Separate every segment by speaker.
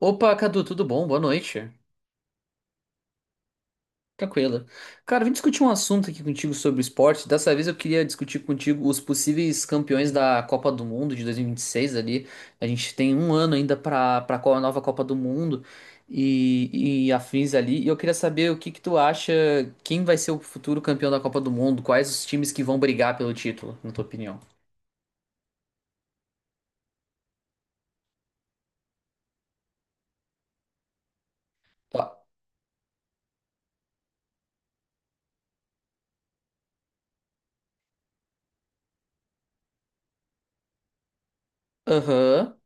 Speaker 1: Opa, Cadu, tudo bom? Boa noite. Tranquilo. Cara, vim discutir um assunto aqui contigo sobre esporte. Dessa vez eu queria discutir contigo os possíveis campeões da Copa do Mundo de 2026 ali. A gente tem um ano ainda para a nova Copa do Mundo e afins ali. E eu queria saber o que que tu acha, quem vai ser o futuro campeão da Copa do Mundo? Quais os times que vão brigar pelo título, na tua opinião? Tá. Aham.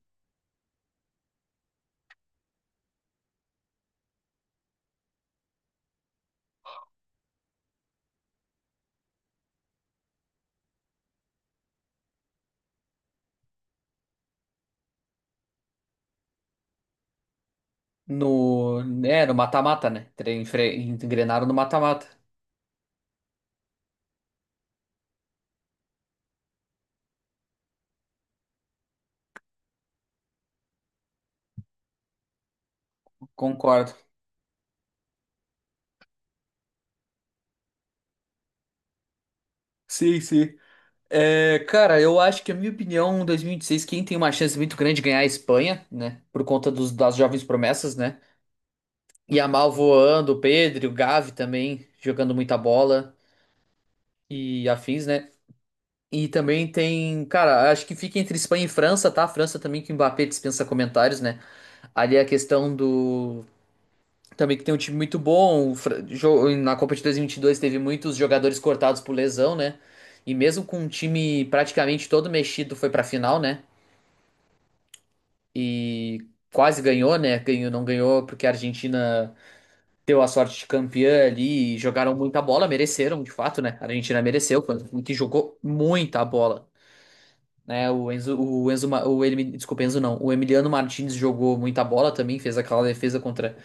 Speaker 1: No, né, no mata-mata, né? Engrenaram no mata-mata. Concordo. Sim, sim. É, cara, eu acho que, a minha opinião, em 2026, quem tem uma chance muito grande de ganhar é a Espanha, né? Por conta dos, das jovens promessas, né? Yamal voando, o Pedri, o Gavi também jogando muita bola e afins, né? E também tem, cara, acho que fica entre Espanha e França, tá? França também que o Mbappé dispensa comentários, né? Ali é a questão do. Também que tem um time muito bom. O Na Copa de 2022 teve muitos jogadores cortados por lesão, né? E mesmo com um time praticamente todo mexido, foi pra final, né? E quase ganhou, né? Ganhou, não ganhou porque a Argentina deu a sorte de campeã ali e jogaram muita bola, mereceram, de fato, né? A Argentina mereceu, foi um que jogou muita bola, né? O Enzo, desculpa, Enzo não, o Emiliano Martins jogou muita bola também, fez aquela defesa contra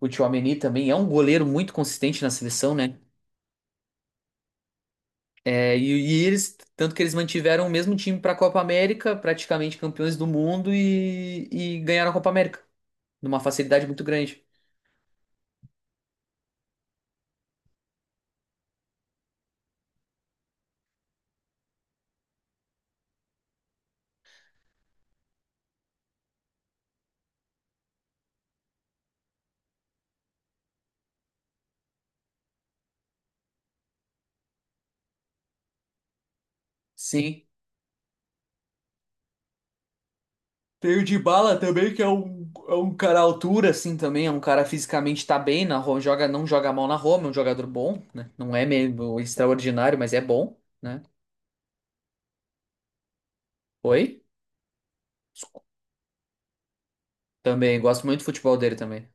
Speaker 1: o Tchouaméni também, é um goleiro muito consistente na seleção, né? É, e eles, tanto que eles mantiveram o mesmo time para a Copa América, praticamente campeões do mundo e ganharam a Copa América numa facilidade muito grande. Sim. Tem o Dybala também, que é um cara à altura, assim, também. É um cara fisicamente tá bem, na Roma, joga, não joga mal na Roma, é um jogador bom, né? Não é meio extraordinário, mas é bom, né? Oi? Também, gosto muito do futebol dele também.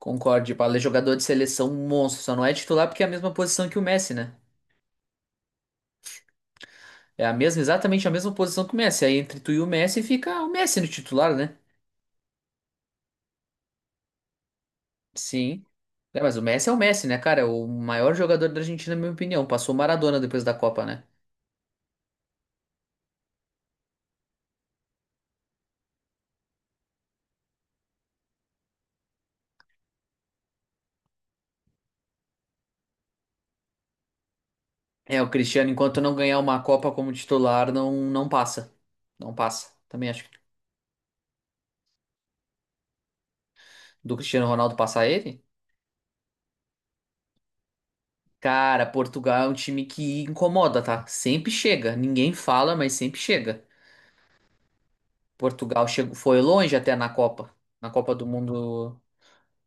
Speaker 1: Concordo, Dybala é jogador de seleção monstro, só não é titular porque é a mesma posição que o Messi, né? É a mesma, exatamente a mesma posição que o Messi. Aí entre tu e o Messi fica o Messi no titular, né? Sim. É, mas o Messi é o Messi, né, cara? É o maior jogador da Argentina, na minha opinião. Passou o Maradona depois da Copa, né? É, o Cristiano, enquanto não ganhar uma Copa como titular, não, não passa. Não passa. Também acho que do Cristiano Ronaldo passar ele. Cara, Portugal é um time que incomoda, tá? Sempre chega. Ninguém fala, mas sempre chega. Portugal chegou, foi longe até na Copa. Na Copa do Mundo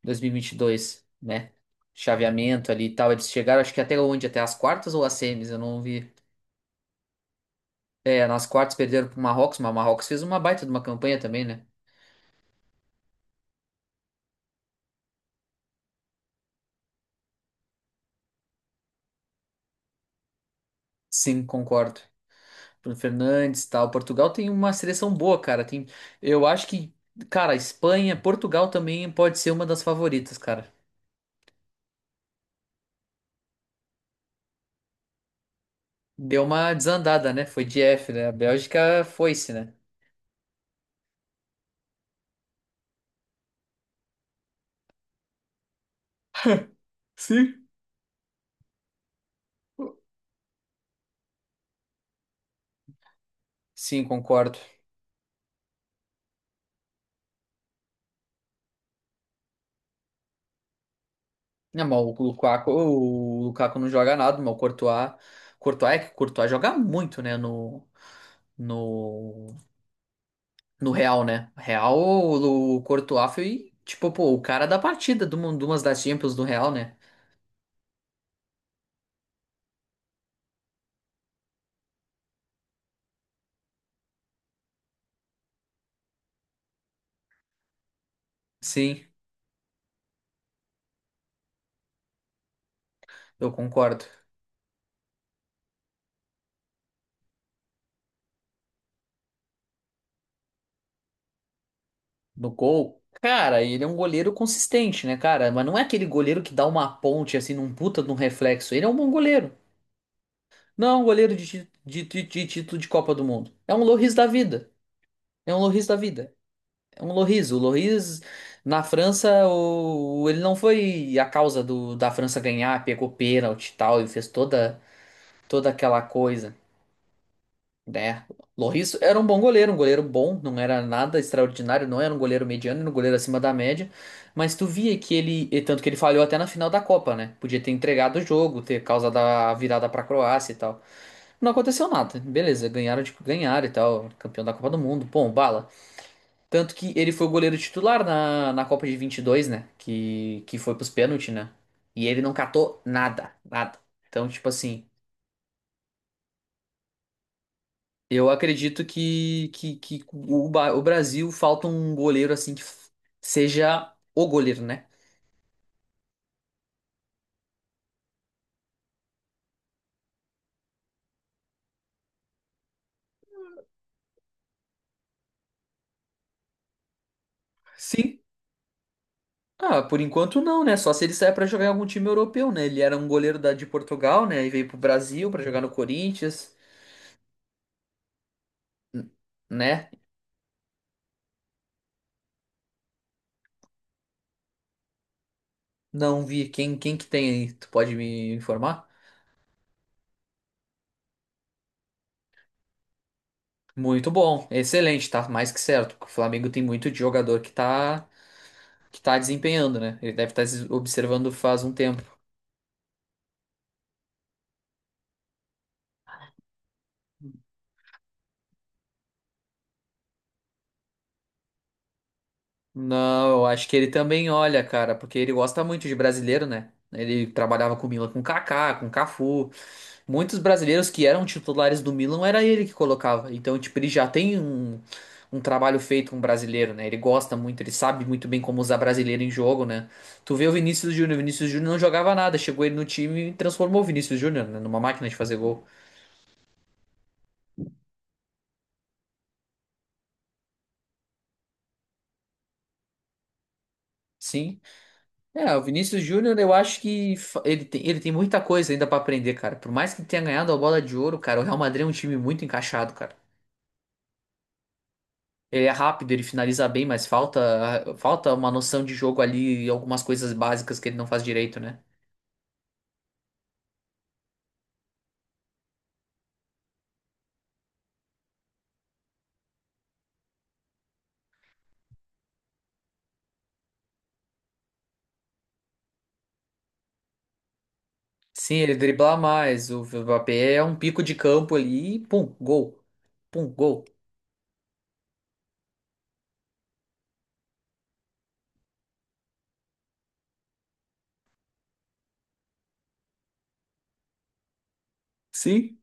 Speaker 1: dois mil e vinte e dois, né? Chaveamento ali e tal. Eles chegaram, acho que até onde? Até as quartas ou as semis? Eu não vi. É, nas quartas perderam pro Marrocos, mas o Marrocos fez uma baita de uma campanha também, né? Sim, concordo. Bruno Fernandes, e tal. Portugal tem uma seleção boa, cara. Tem, eu acho que, cara, Espanha, Portugal também pode ser uma das favoritas, cara. Deu uma desandada, né? Foi de F, né? A Bélgica foi-se, né? Sim. Sim, concordo. Não, mas o Lukaku não joga nada, mas o Courtois, Courtois é que o Courtois joga muito, né? No, no No Real, né? Real, o Courtois foi, tipo, pô, o cara da partida de uma de umas das Champions do Real, né? Sim, eu concordo. No gol, cara, ele é um goleiro consistente, né, cara? Mas não é aquele goleiro que dá uma ponte, assim, num puta de um reflexo. Ele é um bom goleiro. Não é um goleiro de, de título de Copa do Mundo. É um Lloris da vida. É um Lloris da vida. É um Lloris. O Lloris, na França, o, ele não foi a causa do, da França ganhar, pegou pênalti e tal, e fez toda, toda aquela coisa. Né? Lloris era um bom goleiro, um goleiro bom, não era nada extraordinário, não era um goleiro mediano, era um goleiro acima da média, mas tu via que ele, e tanto que ele falhou até na final da Copa, né? Podia ter entregado o jogo, ter causado a virada pra Croácia e tal. Não aconteceu nada, beleza, ganharam, tipo, ganharam e tal, campeão da Copa do Mundo, bom, bala. Tanto que ele foi o goleiro titular na, na Copa de vinte e dois, né? Que foi pros pênaltis, né? E ele não catou nada, nada. Então, tipo assim. Eu acredito que, o, o Brasil falta um goleiro assim que seja o goleiro, né? Sim, ah, por enquanto não, né? Só se ele sair pra jogar em algum time europeu, né? Ele era um goleiro da, de Portugal, né? E veio pro Brasil pra jogar no Corinthians, n- né? Não vi quem, quem que tem aí, tu pode me informar? Muito bom, excelente, tá mais que certo. O Flamengo tem muito de jogador que tá desempenhando, né? Ele deve estar observando faz um tempo. Não, eu acho que ele também olha, cara, porque ele gosta muito de brasileiro, né? Ele trabalhava com o Milan, com Kaká, com Cafu. Muitos brasileiros que eram titulares do Milan era ele que colocava. Então, tipo, ele já tem um, um trabalho feito com brasileiro, né? Ele gosta muito, ele sabe muito bem como usar brasileiro em jogo, né? Tu vê o Vinícius Júnior não jogava nada, chegou ele no time e transformou o Vinícius Júnior, né, numa máquina de fazer gol. Sim. É, o Vinícius Júnior, eu acho que ele tem muita coisa ainda pra aprender, cara. Por mais que tenha ganhado a bola de ouro, cara, o Real Madrid é um time muito encaixado, cara. Ele é rápido, ele finaliza bem, mas falta, falta uma noção de jogo ali e algumas coisas básicas que ele não faz direito, né? Sim, ele driblar mais, o Mbappé é um pico de campo ali, e pum, gol. Pum, gol. Sim,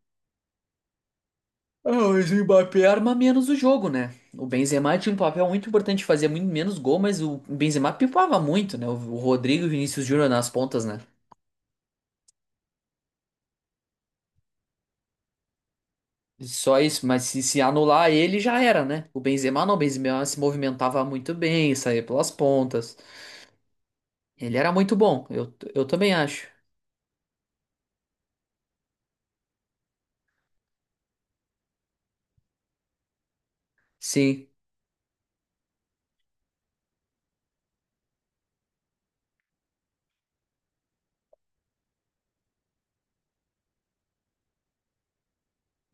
Speaker 1: ah, mas o Mbappé arma menos o jogo, né? O Benzema tinha um papel muito importante, fazia muito menos gol, mas o Benzema pipava muito, né? O Rodrigo e o Vinícius Júnior nas pontas, né? Só isso, mas se anular ele já era, né? O Benzema não, o Benzema se movimentava muito bem, saía pelas pontas. Ele era muito bom, eu também acho. Sim,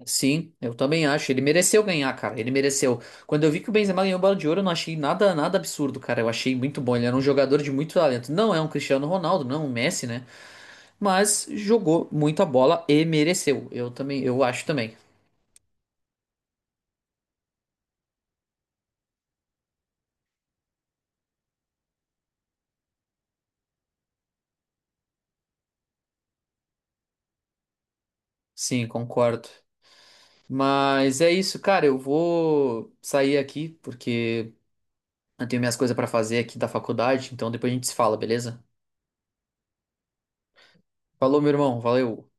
Speaker 1: sim, eu também acho. Ele mereceu ganhar, cara, ele mereceu. Quando eu vi que o Benzema ganhou o Bola de Ouro, eu não achei nada, nada absurdo, cara. Eu achei muito bom, ele era um jogador de muito talento. Não é um Cristiano Ronaldo, não é um Messi, né? Mas jogou muito a bola e mereceu. Eu também, eu acho também. Sim, concordo. Mas é isso, cara. Eu vou sair aqui porque eu tenho minhas coisas pra fazer aqui da faculdade, então depois a gente se fala, beleza? Falou, meu irmão. Valeu.